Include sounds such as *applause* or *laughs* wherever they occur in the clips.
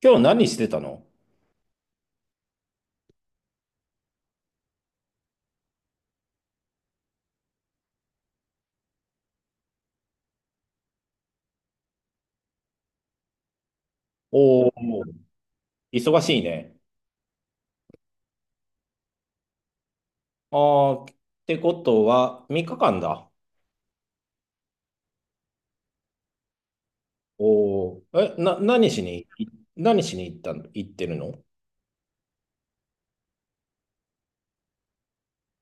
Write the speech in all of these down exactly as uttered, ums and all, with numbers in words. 今日何してたの？おおー、忙しいね。ああ、ってことは、みっかかんだ。おお、え、な、何しに、い何しに行ったの、行ってるの？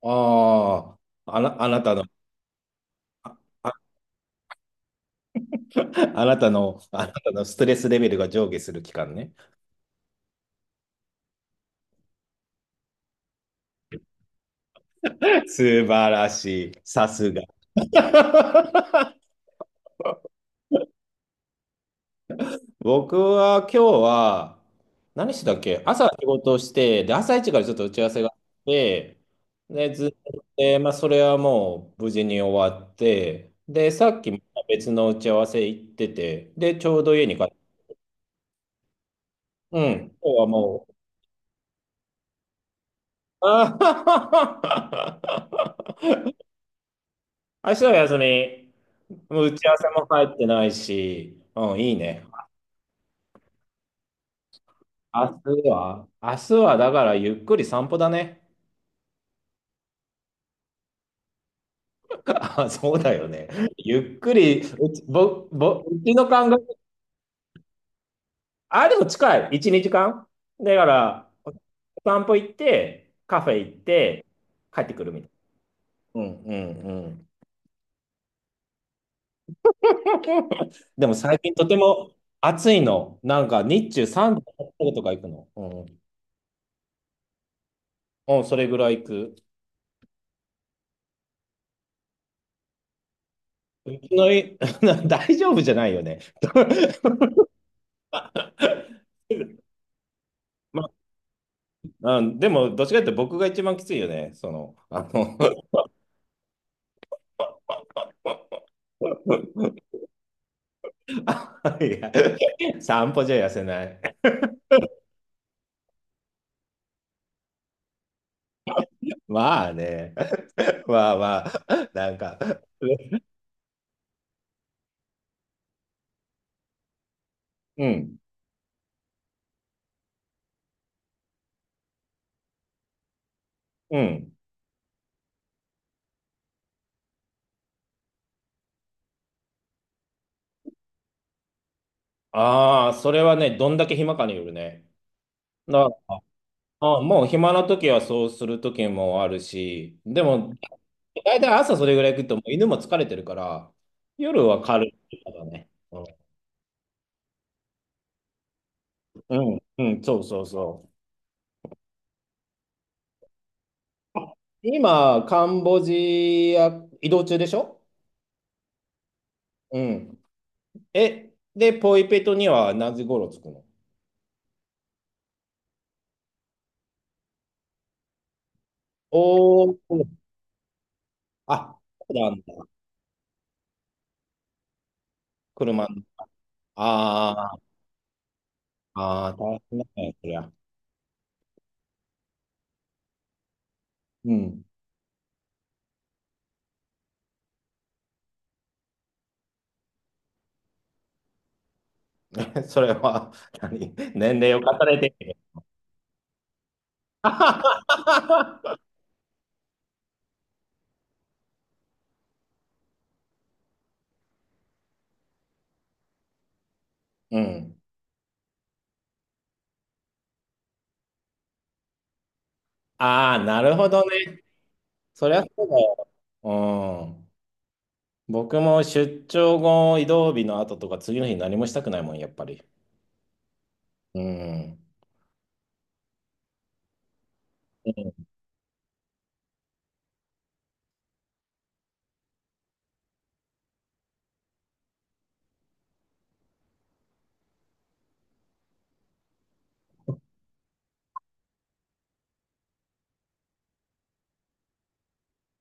ああー、あな、あなたの、あ、あ *laughs* あなたの、あなたのストレスレベルが上下する期間ね。素晴らしい。さすが。*laughs* 僕は今日は、何してたっけ。朝仕事をして、で、朝一からちょっと打ち合わせがあって、で、ずっと、でまあ、それはもう無事に終わって、で、さっきまた別の打ち合わせ行ってて、で、ちょうど家に帰って、うん、今日はもう、あー *laughs* 明日は休み。もう打ち合わせも入ってないし、うん、いいね。明日は、明日はだからゆっくり散歩だね。あ、そうだよね。ゆっくり、うち、ぼ、ぼ、うちの感覚、あ、でも近い。いち、にじかん。だから、お散歩行って、カフェ行って、帰ってくるみたいな。うんうんうん。でも最近とても暑いの。なんか日中さんじゅうはちどとか行くの。うん。うん、それぐらい行く。うちのい *laughs*、大丈夫じゃないよね。*laughs* まあ、うん、でも、どっちかっていうと僕が一番きついよね。その、あの *laughs* *laughs* いや、散歩じゃ痩せない。まあね。まあまあ。なんか。うん。うん。ああ、それはね、どんだけ暇かによるね。だあもう暇な時はそうする時もあるし、でも、大体朝それぐらい行くと、もう犬も疲れてるから、夜は軽いからね。うん、うん、うんそうそうそう。今、カンボジア移動中でしょ？うん。え、で、ポイペトには何時頃着くの？おお、あ、そうなんだ。車の。あーあー、大変だね、そりゃ。うん。*laughs* それは、何年齢を重ねてきて。*laughs* うん。ああ、なるほどね。そりゃそうだよ。うん。僕も出張後、移動日の後とか、次の日何もしたくないもん、やっぱり。うん。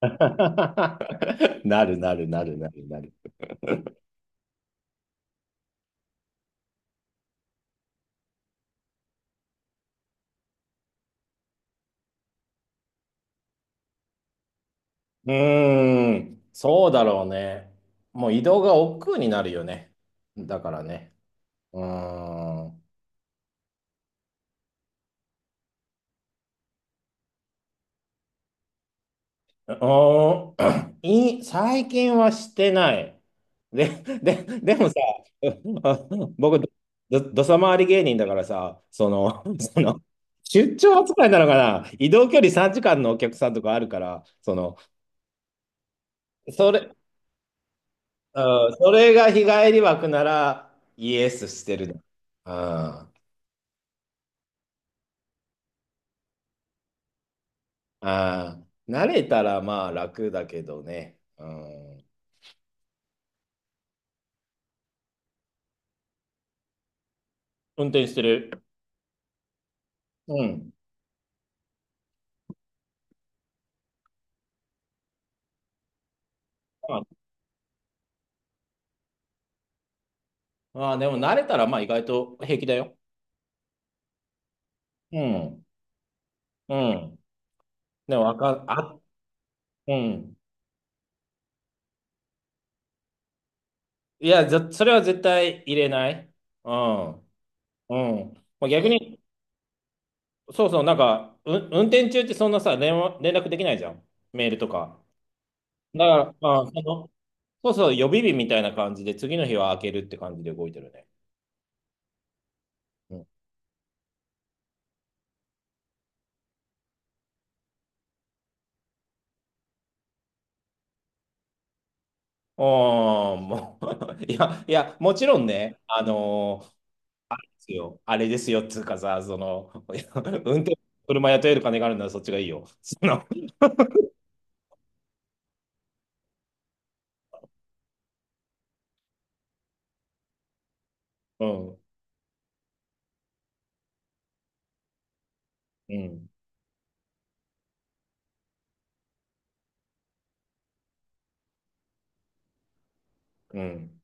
*laughs* なるなるなるなるなる。うーん、そうだろうね。もう移動が億劫になるよね。だからね。うーん。うーん *clears throat* い最近はしてない。で、で、でもさ、*laughs* 僕、ど、どどさ回り芸人だからさ、その、その、出張扱いなのかな移動距離さんじかんのお客さんとかあるから、その、それ、うん、それが日帰り枠なら、イエスしてるね。うんああ、慣れたらまあ楽だけどね。うん。運転してる。うん。まあ、まあでも慣れたらまあ意外と平気だよ。うん。うん。でもわかん、あ、うん。いや、ぜそれは絶対入れない。うん。うん。まあ、逆に、そうそう、なんか、う、運転中ってそんなさ、連絡、連絡できないじゃん。メールとか。だから、まあ、その、そうそう、予備日みたいな感じで、次の日は開けるって感じで動いてるね。ああ、もう *laughs* いや、いや、もちろんね、あのーですよ、あれですよ、つうかさ、その、*laughs* いや運転、車雇える金があるならそっちがいいよ。その、うん、うん、うん。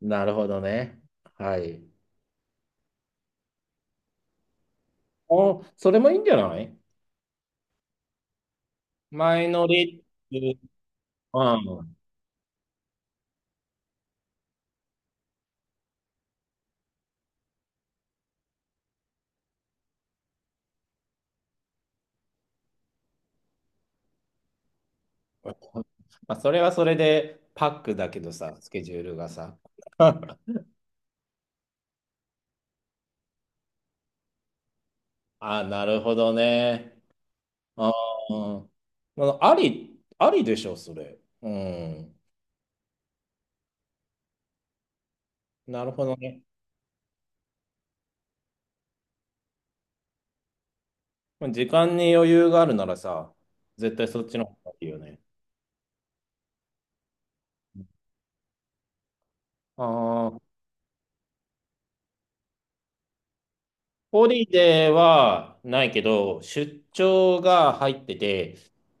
なるほどね。はい。お、それもいいんじゃない？前乗りっていう、うん。まあ、それはそれでパックだけどさ、スケジュールがさ。*laughs* あ、なるほどね。あー、うん、あり、ありでしょ、それ。うん。なるほどね。まあ時間に余裕があるならさ、絶対そっちの方がいいよね。ああ、ホリデーはないけど、出張が入ってて、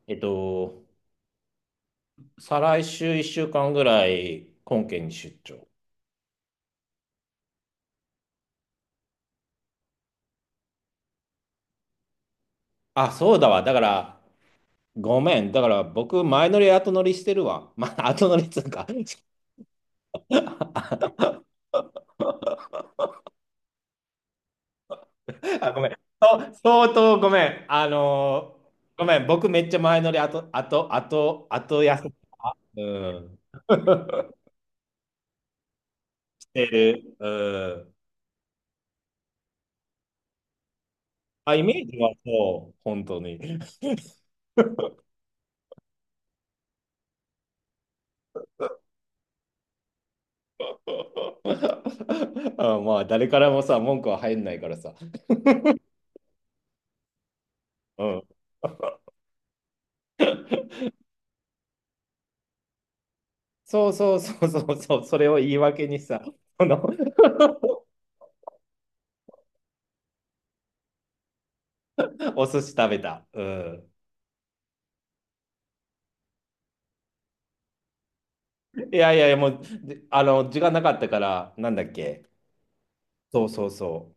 えっと、再来週いっしゅうかんぐらい、本県に出張。あ、そうだわ。だから、ごめん。だから、僕、前乗り後乗りしてるわ。*laughs* まあ、後乗りっつうか。*laughs* あ、ごめん。そう相当ごめん。あのーごめん。僕、めっちゃ前乗り後、後、後、後やす。うん。てる。うん。あ、イメージはそう、本当に。*laughs* あ、まあ、誰からもさ、文句は入んないからさ。うん。そうそうそうそうそう、それを言い訳にさ、この *laughs* お寿司食べた。うん。いやいやいや、もう、であの、時間なかったから、なんだっけ。そうそうそ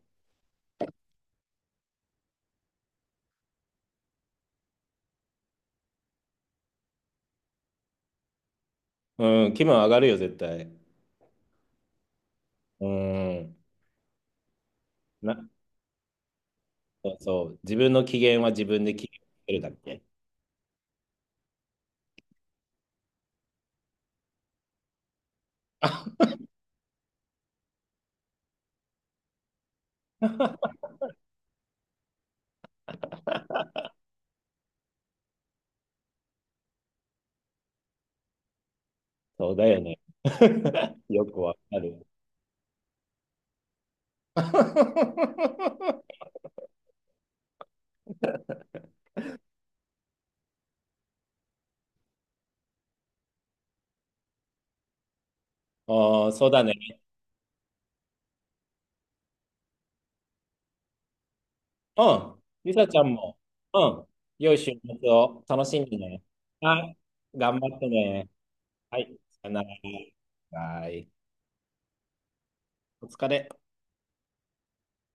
う。うん、気分上がるよ、絶対。うん。な、そうそう。自分の機嫌は自分で決めるだっけ。そうだよね。*laughs* よくわかる。*laughs* おー、そうだね。うん。りさちゃんも、うん。良い週末を楽しんでね。はい。頑張ってね。はい。さよなら。はい。お疲れ。